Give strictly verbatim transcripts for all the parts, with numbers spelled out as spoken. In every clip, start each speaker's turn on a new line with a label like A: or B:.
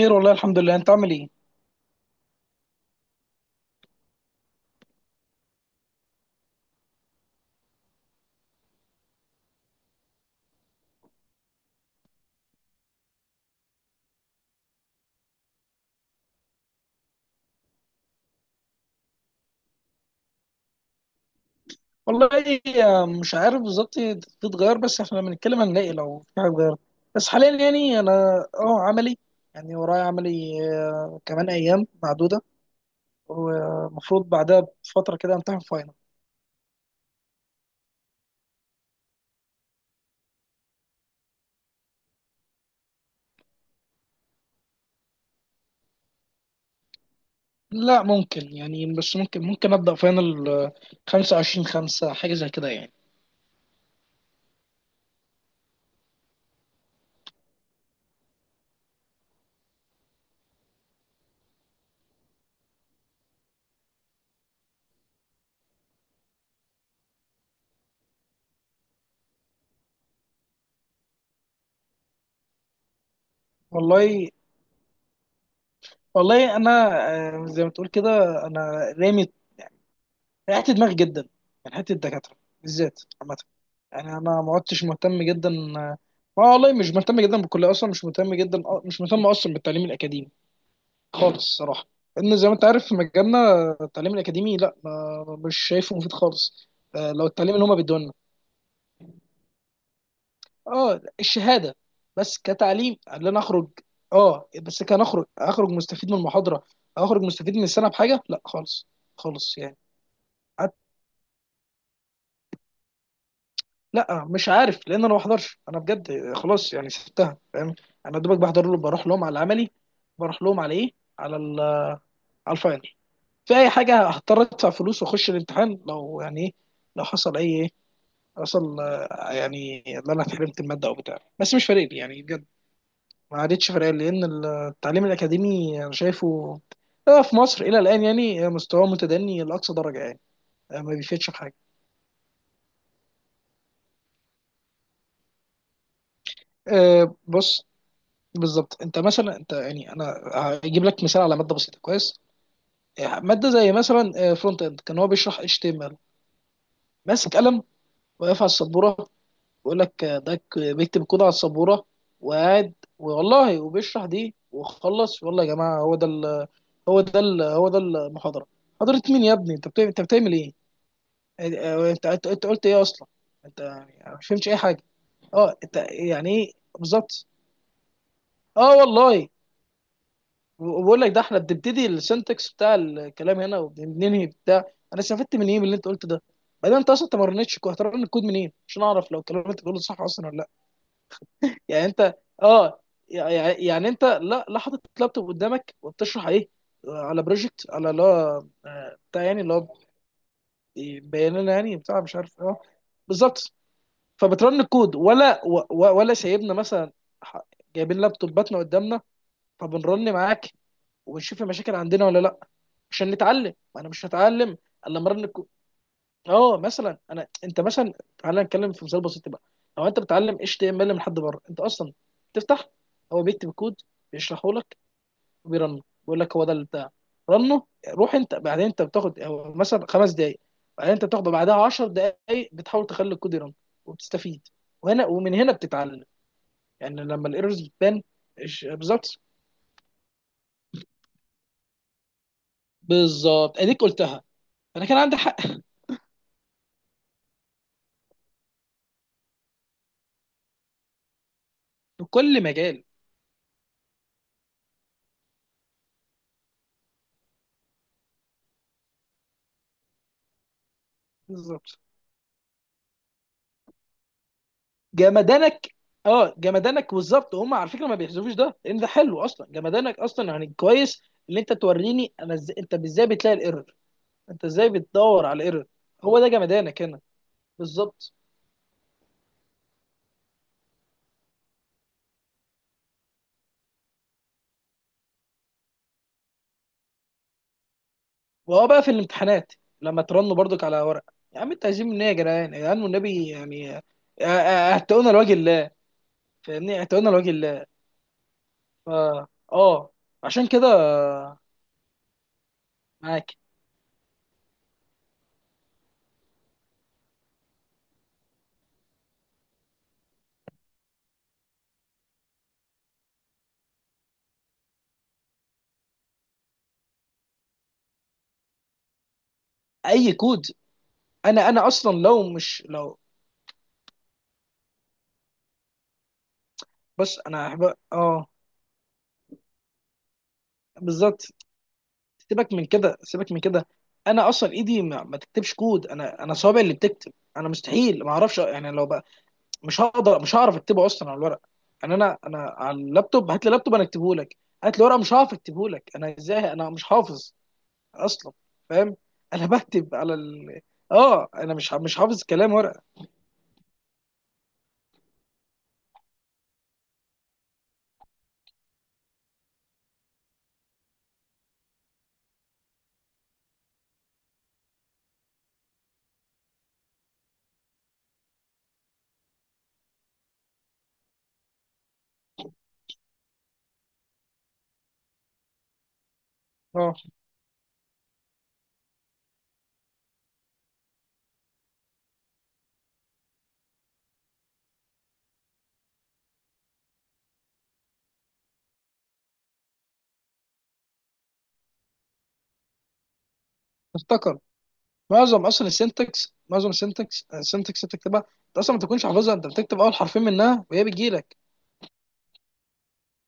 A: خير، والله الحمد لله. انت عامل ايه؟ والله آه، مش عارف بالظبط، تتغير. بس احنا لما نتكلم هنلاقي لو في حاجه اتغيرت. بس حاليا يعني انا اه عملي، يعني ورايا عملي آه، كمان ايام معدوده، ومفروض بعدها بفتره كده امتحن فاينل. لا ممكن يعني، بس ممكن ممكن ابدا فاينل آه، خمسة وعشرين خمسة حاجه زي كده يعني. والله، والله انا آه، زي ما تقول كده. انا رامي، ريحت دماغي جدا من حته الدكاتره بالذات عامه. يعني انا ما عدتش مهتم جدا، ما والله مش مهتم جدا بالكليه اصلا، مش مهتم جدا، مش مهتم اصلا بالتعليم الاكاديمي خالص الصراحه. لان زي ما انت عارف في مجالنا التعليم الاكاديمي لا، ما مش شايفه مفيد خالص. آه، لو التعليم اللي هما بيدوه لنا. اه الشهاده، بس كتعليم قال لنا اخرج. اه بس كان اخرج، اخرج مستفيد من المحاضره، اخرج مستفيد من السنه بحاجه. لا خالص، خالص يعني. لا مش عارف لان انا ما بحضرش، انا بجد خلاص يعني سبتها، فاهم. انا دوبك بحضر له، بروح لهم على العملي، بروح لهم على ايه، على ال- على الفاينل. في اي حاجه هضطر ادفع فلوس واخش الامتحان، لو يعني ايه، لو حصل اي ايه، حصل آه، يعني ان انا اتحرمت الماده او بتاع، بس مش فارق لي يعني بجد. ما عادتش فارق لي لان التعليم الاكاديمي انا شايفه آه، في مصر الى الان يعني مستواه متدني لاقصى درجه يعني. آه، ما بيفيدش في حاجه. آه، بص. بالظبط انت مثلا، انت يعني انا هجيب لك مثال على ماده بسيطه كويس. ماده زي مثلا فرونت اند، كان هو بيشرح اتش تي ام ال، ماسك قلم، واقف على السبوره، ويقول لك آه، ده ك- بيكتب كود على السبوره وقاعد، والله وبيشرح دي، وخلص، والله يا جماعه هو ده ال- هو ده ال- هو ده المحاضره. محاضره مين يا ابني؟ انت بتعمل، انت بتعمل ايه؟ آه، انت انت أنت قلت ايه اصلا؟ انت يعني أنا مش فهمتش اي حاجه. اه انت يعني ايه؟ بالظبط. اه والله. وبقول لك ده احنا بنبتدي السنتكس بتاع الكلام هنا وبننهي بتاع. انا استفدت من ايه من اللي انت قلته ده؟ بعدين انت اصلا ما مرنتش، هترن الكود منين عشان اعرف لو الكلام اللي انت بتقوله صح اصلا ولا لا؟ يعني انت اه، يعني يعني انت لا لا حاطط لابتوب قدامك وبتشرح ايه؟ على بروجكت، على اللي هو آه، بتاع، يعني اللي هو بيان لنا يعني بتاع مش عارف اه. بالظبط. فبترن الكود ولا و- و- ولا سايبنا مثلا، ح- جايبين لابتوباتنا قدامنا فبنرن معاك وبنشوف المشاكل عندنا ولا لا؟ عشان نتعلم، ما انا مش هتعلم الا لما ارن الكو- اه. مثلا انا، انت مثلا تعالى نتكلم في مثال بسيط بقى. لو انت بتعلم اتش تي ام ال من حد بره، انت اصلا تفتح، هو بيكتب الكود، بيشرحه لك وبيرنه بيقول لك هو ده اللي بتاع، رنه. روح انت بعدين، انت بتاخد هو مثلا خمس دقائق، بعدين انت بتاخده بعدها عشر دقائق بتحاول تخلي الكود يرن وبتستفيد، وهنا ومن هنا بتتعلم يعني لما الايرورز بتبان. إيش- بالظبط. بالظبط اديك قلتها. انا كان عندي حق. في كل مجال. بالظبط. جمدانك. اه جمدانك بالظبط، هم على فكره ما بيحذفوش ده لان ده حلو اصلا، جمدانك اصلا يعني كويس ان انت توريني انا ازاي، انت ازاي بتلاقي الايرور، انت ازاي بتدور على الايرور. هو ده جمدانك هنا. بالظبط. وهو بقى في الامتحانات لما ترنوا برضك على ورق، يا عم انت عايزين مني، يا جدعان يا جدعان والنبي يعني آه، آه، اعتقونا لوجه الله، فاهمني، اعتقونا لوجه الله. اه اه. عشان كده. معاك. اي كود انا انا اصلا لو مش لو، بص انا هبقى اه بالظبط، سيبك من كده، سيبك من كده. انا اصلا ايدي ما, ما تكتبش كود، انا انا صوابعي اللي بتكتب، انا مستحيل ما اعرفش يعني لو بقى مش هقدر، مش هعرف اكتبه اصلا على الورق. يعني انا انا على اللابتوب هات لي لابتوب انا اكتبه لك، هات لي ورقه مش هعرف اكتبه لك انا ازاي، انا مش حافظ اصلا، فاهم. انا بكتب على ال... اه انا مش ح- مش حافظ كلام ورقه. اه افتكر معظم اصلا السنتكس، معظم السنتكس، السنتكس اللي بتكتبها انت اصلا ما تكونش حافظها، انت بتكتب اول حرفين منها وهي بتجيلك.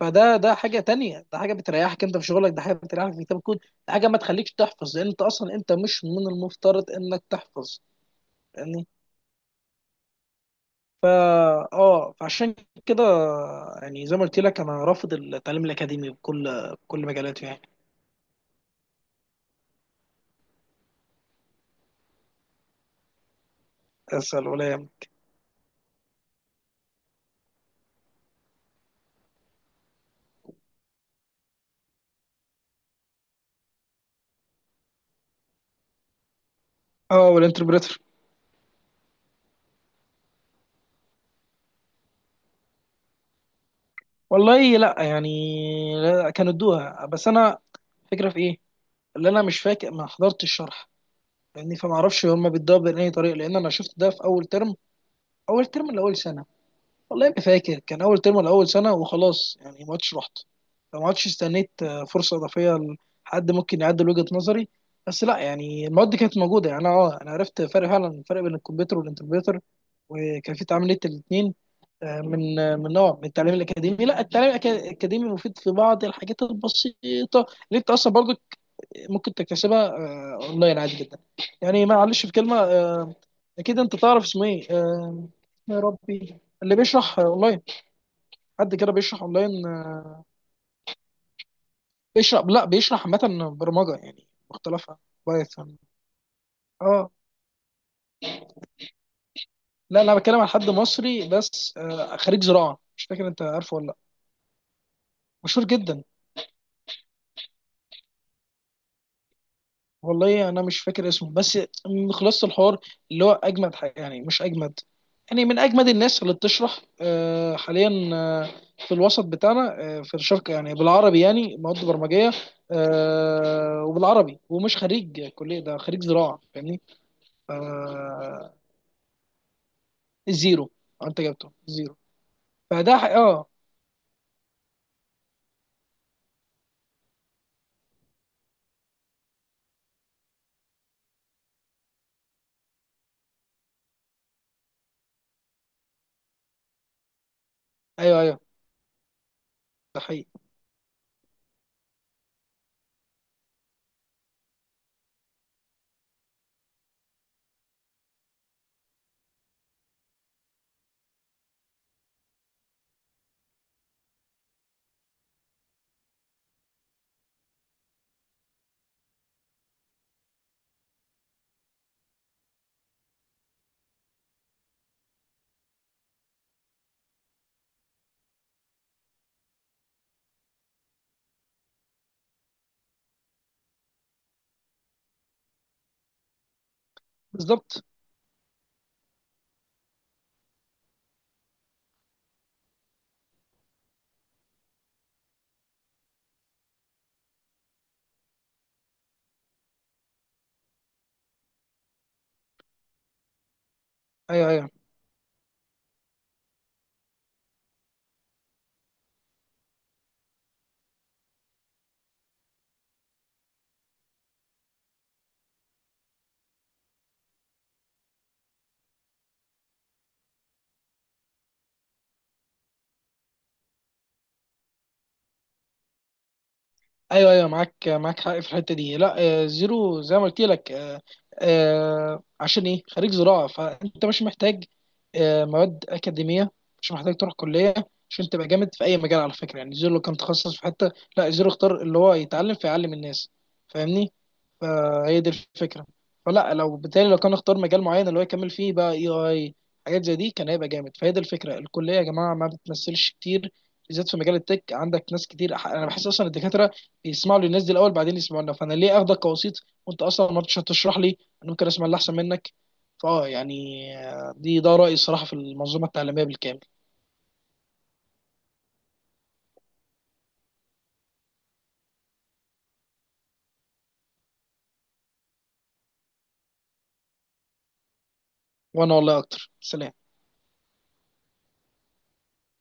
A: فده ده حاجه تانية، ده حاجه بتريحك انت في شغلك، ده حاجه بتريحك في كتاب الكود، ده حاجه ما تخليكش تحفظ لان انت اصلا، انت مش من المفترض انك تحفظ يعني. فا اه. فعشان كده يعني، زي ما قلت لك انا رافض التعليم الاكاديمي بكل بكل مجالاته يعني. اسال ولا يهم. اه والانتربريتر. والله لا يعني. لا، كانوا ادوها بس انا فكره في ايه اللي انا مش فاكر، ما حضرتش الشرح يعني، فما اعرفش هما بيدوها بأي طريقه لان انا شفت ده في اول ترم، اول ترم لاول سنه، والله ما فاكر كان اول ترم ولا اول سنه وخلاص يعني ما عدتش رحت، فما عدتش استنيت آه، فرصه اضافيه لحد ممكن يعدل وجهه نظري. بس لا يعني المواد كانت موجوده، يعني انا اه انا عرفت فرق فعلا، الفرق بين الكمبيوتر والانتربريتر وكان في تعاملية الاثنين من آه، من نوع من التعليم الاكاديمي. لا التعليم الأكا- الاكاديمي مفيد في بعض الحاجات البسيطه اللي انت اصلا برضو ممكن تكتسبها آه، اونلاين عادي جدا يعني. معلش في كلمه آه، اكيد انت تعرف اسمه ايه. آه، يا ربي، اللي بيشرح اونلاين، حد كده بيشرح اونلاين آه، بيشرح، لا بيشرح عامه برمجه يعني مختلفه، بايثون. اه لا انا بتكلم عن حد مصري بس، آه، خريج زراعه، مش فاكر انت عارفه ولا لا، مشهور جدا. والله انا مش فاكر اسمه، بس من خلاصه الحوار اللي هو اجمد حاجة يعني، مش اجمد يعني، من اجمد الناس اللي بتشرح آه، حاليا، آه، في الوسط بتاعنا، آه، في الشرق يعني بالعربي، يعني مواد برمجيه آه، وبالعربي، ومش خريج كليه، ده خريج زراعه، فاهمني. آه، زيرو. أه، انت جبته زيرو. فده ح- اه. ايوه ايوه، ده حقيقي. بالظبط. ايوه ايوه، ايوه ايوه، معاك معاك حق في الحته دي. لا آه، زيرو زي ما قلت لك آه، آه، عشان ايه خريج زراعه، فانت مش محتاج آه، مواد اكاديميه، مش محتاج تروح كليه عشان تبقى جامد في اي مجال، على فكره يعني. زيرو لو كان تخصص في حته، لا زيرو اختار اللي هو يتعلم فيعلم الناس، فاهمني. فهي دي الفكره، فلا لو بالتالي لو كان اختار مجال معين اللي هو يكمل فيه بقى اي اي حاجات زي دي كان هيبقى جامد. فهي دي الفكره، الكليه يا جماعه ما بتمثلش كتير بالذات في مجال التك، عندك ناس كتير، انا بحس اصلا الدكاتره يسمعوا للناس دي الاول بعدين يسمعونا، فانا ليه اخدك كوسيط وانت اصلا ما رضيتش هتشرح لي؟ انا ممكن اسمع اللي احسن منك. فاه يعني آه، دي ده رايي الصراحه في المنظومه التعليميه بالكامل. وانا والله اكتر. سلام.